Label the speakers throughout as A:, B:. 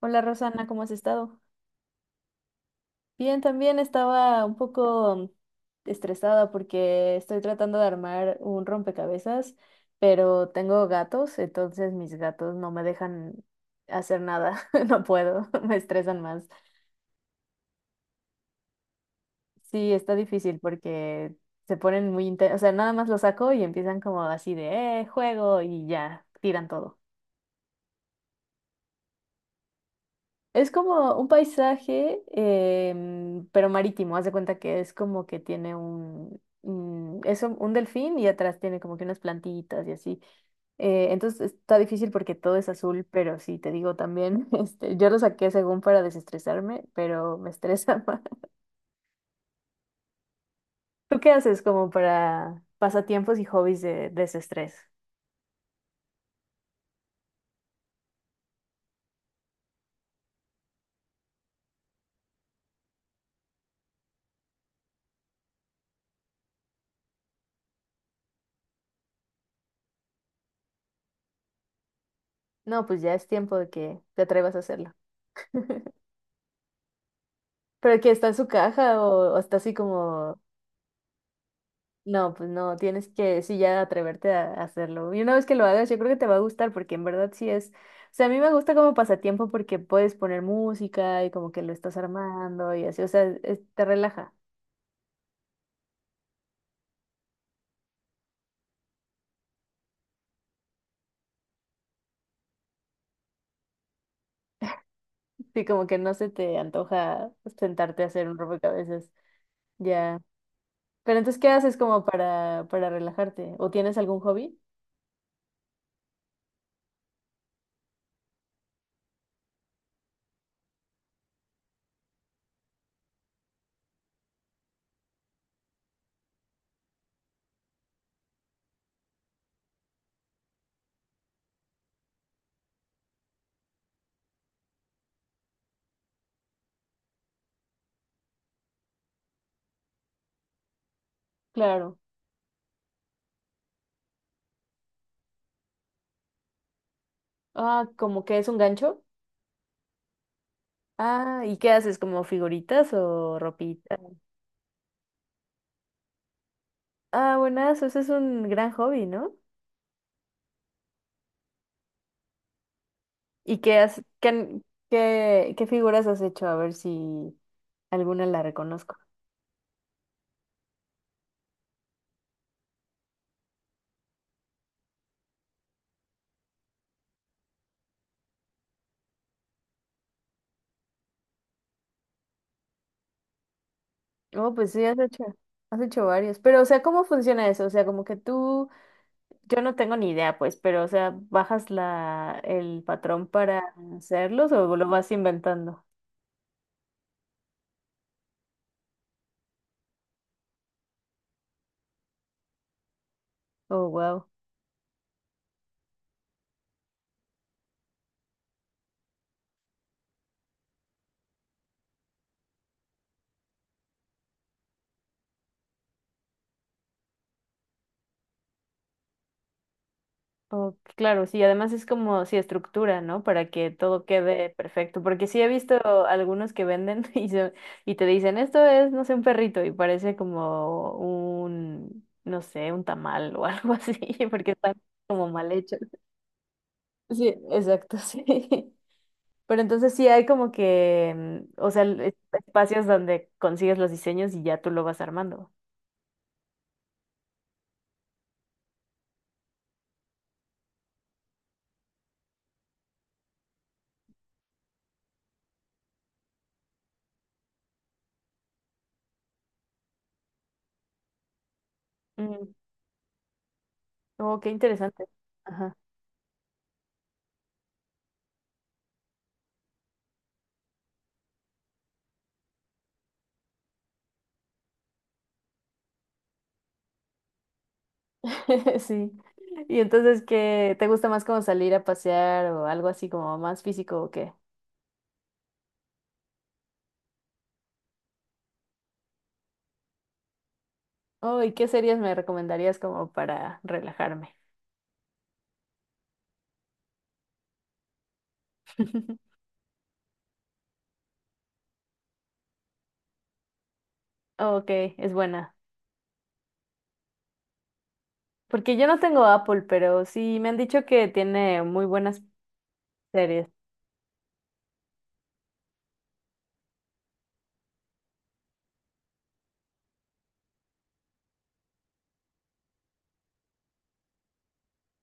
A: Hola Rosana, ¿cómo has estado? Bien, también estaba un poco estresada porque estoy tratando de armar un rompecabezas, pero tengo gatos, entonces mis gatos no me dejan hacer nada, no puedo, me estresan más. Sí, está difícil porque se ponen muy intensos, o sea, nada más los saco y empiezan como así de, juego y ya, tiran todo. Es como un paisaje, pero marítimo. Haz de cuenta que es como que tiene un, mm, es un delfín y atrás tiene como que unas plantitas y así. Entonces está difícil porque todo es azul, pero sí, te digo también, este, yo lo saqué según para desestresarme, pero me estresa más. ¿Tú qué haces como para pasatiempos y hobbies de desestrés? No, pues ya es tiempo de que te atrevas a hacerlo. ¿Pero que está en su caja o está así como? No, pues no, tienes que, sí, ya atreverte a hacerlo. Y una vez que lo hagas, yo creo que te va a gustar porque en verdad sí es, o sea, a mí me gusta como pasatiempo porque puedes poner música y como que lo estás armando y así, o sea, es- te relaja. Sí, como que no se te antoja sentarte a hacer un rompecabezas. Ya. Pero entonces, ¿qué haces como para relajarte? ¿O tienes algún hobby? Claro. Ah, como que es un gancho. Ah, ¿y qué haces? ¿Como figuritas o ropita? Ah, buenas, ese es un gran hobby, ¿no? ¿Y qué has, qué, han- qué, qué figuras has hecho? A ver si alguna la reconozco. Oh, pues sí, has hecho varios. Pero, o sea, ¿cómo funciona eso? O sea, como que tú, yo no tengo ni idea, pues, pero, o sea, ¿bajas la, el patrón para hacerlos o lo vas inventando? Oh, wow. Oh, claro, sí, además es como, sí, estructura, ¿no? Para que todo quede perfecto, porque sí he visto algunos que venden y, se- y te dicen, esto es, no sé, un perrito y parece como un, no sé, un tamal o algo así, porque están como mal hechos. Sí, exacto, sí. Pero entonces sí hay como que, mm, o sea, l- es- espacios donde consigues los diseños y ya tú lo vas armando. Mm. Oh, qué interesante. Sí. Y entonces, ¿qué te gusta más como salir a pasear o algo así como más físico o qué? Oh, ¿y qué series me recomendarías como para relajarme? Ok, es buena. Porque yo no tengo Apple, pero sí me han dicho que tiene muy buenas series.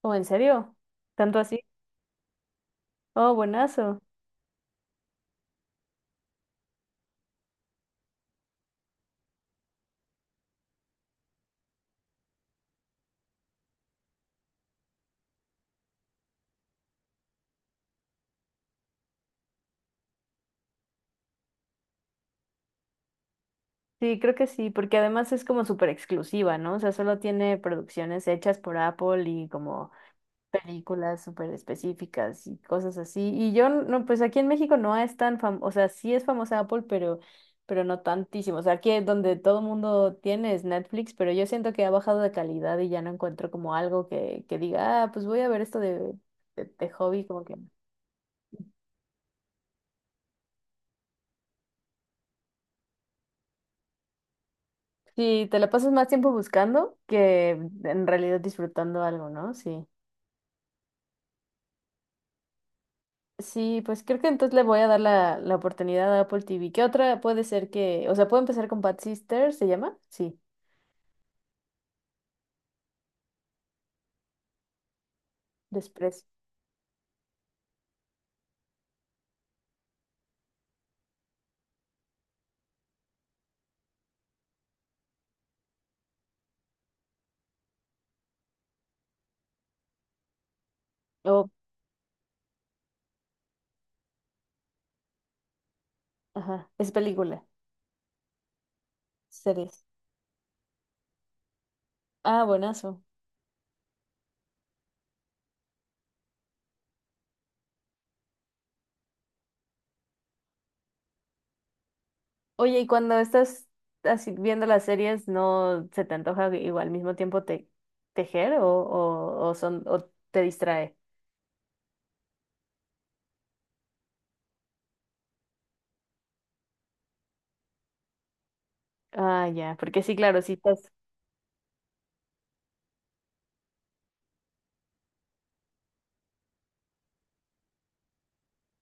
A: ¿O en serio? ¿Tanto así? Oh, buenazo. Sí, creo que sí, porque además es como súper exclusiva, ¿no? O sea, solo tiene producciones hechas por Apple y como películas súper específicas y cosas así. Y yo, no, pues aquí en México no es tan famosa, o sea, sí es famosa Apple, pero no tantísimo. O sea, aquí es donde todo el mundo tiene es Netflix, pero yo siento que ha bajado de calidad y ya no encuentro como algo que diga, ah, pues voy a ver esto de hobby, como que... Sí, te la pasas más tiempo buscando que en realidad disfrutando algo, ¿no? Sí. Sí, pues creo que entonces le voy a dar la, la oportunidad a Apple TV. ¿Qué otra puede ser que, o sea, puedo empezar con Bad Sisters, ¿se llama? Sí. Desprecio. Oh, ajá. Es película. Series. Ah, buenazo. Oye, y cuando estás así viendo las series, ¿no se te antoja igual al mismo tiempo te tejer o son o te distrae? Ah, ya, porque sí, claro, sí estás.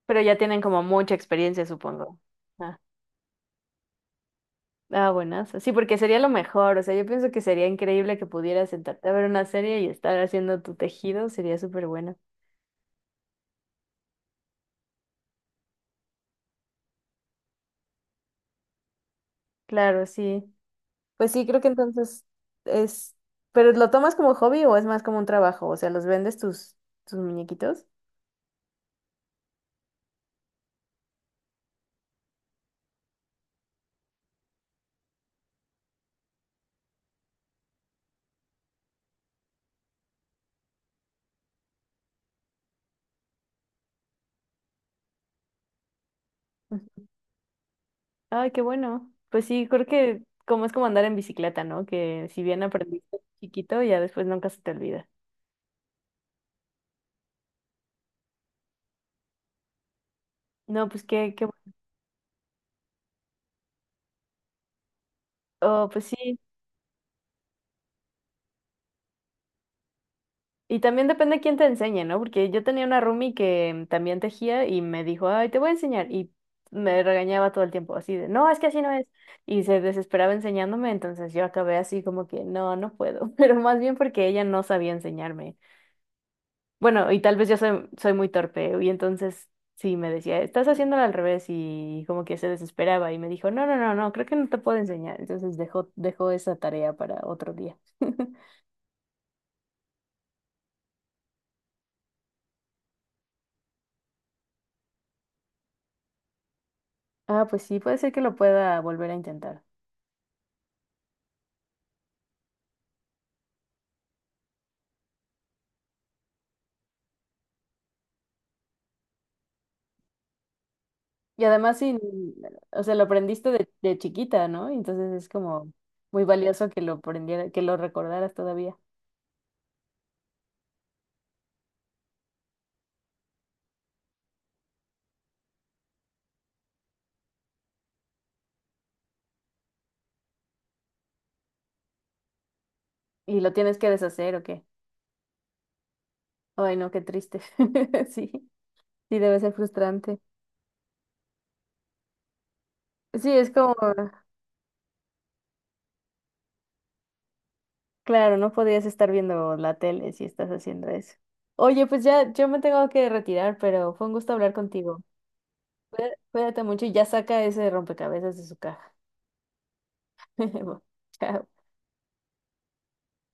A: Pero ya tienen como mucha experiencia, supongo. Ah, ah, buenazo. Sí, porque sería lo mejor. O sea, yo pienso que sería increíble que pudieras sentarte a ver una serie y estar haciendo tu tejido. Sería súper bueno. Claro, sí. Pues sí, creo que entonces es, pero ¿lo tomas como hobby o es más como un trabajo? O sea, ¿los vendes tus, tus muñequitos? Ujú. Ay, qué bueno. Pues sí, creo que como es como andar en bicicleta, ¿no? Que si bien aprendiste chiquito, ya después nunca se te olvida. No, pues qué, qué, bu- oh, pues sí, Y también depende quién te enseñe, ¿no? Porque yo tenía una roomie que también tejía y me dijo, ay, te voy a enseñar. Y me regañaba todo el tiempo, así de, no, es que así no es. Y se desesperaba enseñándome, entonces yo acabé así como que, no, no puedo. Pero más bien porque ella no sabía enseñarme. Bueno, y tal vez yo soy, soy muy torpe. Y entonces sí me decía, estás haciéndolo al revés. Y como que se desesperaba y me dijo, no, no, no, no, creo que no te puedo enseñar. Entonces dejó, dejó esa tarea para otro día. Ah, pues sí, puede ser que lo pueda volver a intentar. Y además, sin, o sea, lo aprendiste de chiquita, ¿no? Entonces es como muy valioso que lo aprendiera, que lo recordaras todavía. ¿Y lo tienes que deshacer o qué? Ay, no, qué triste. Sí, sí, debe ser frustrante. Sí, es como, claro, no podías estar viendo la tele si estás haciendo eso. Oye, pues ya yo me tengo que retirar, pero fue un gusto hablar contigo. Cuida- Cuídate mucho y ya saca ese rompecabezas de su caja. Chao.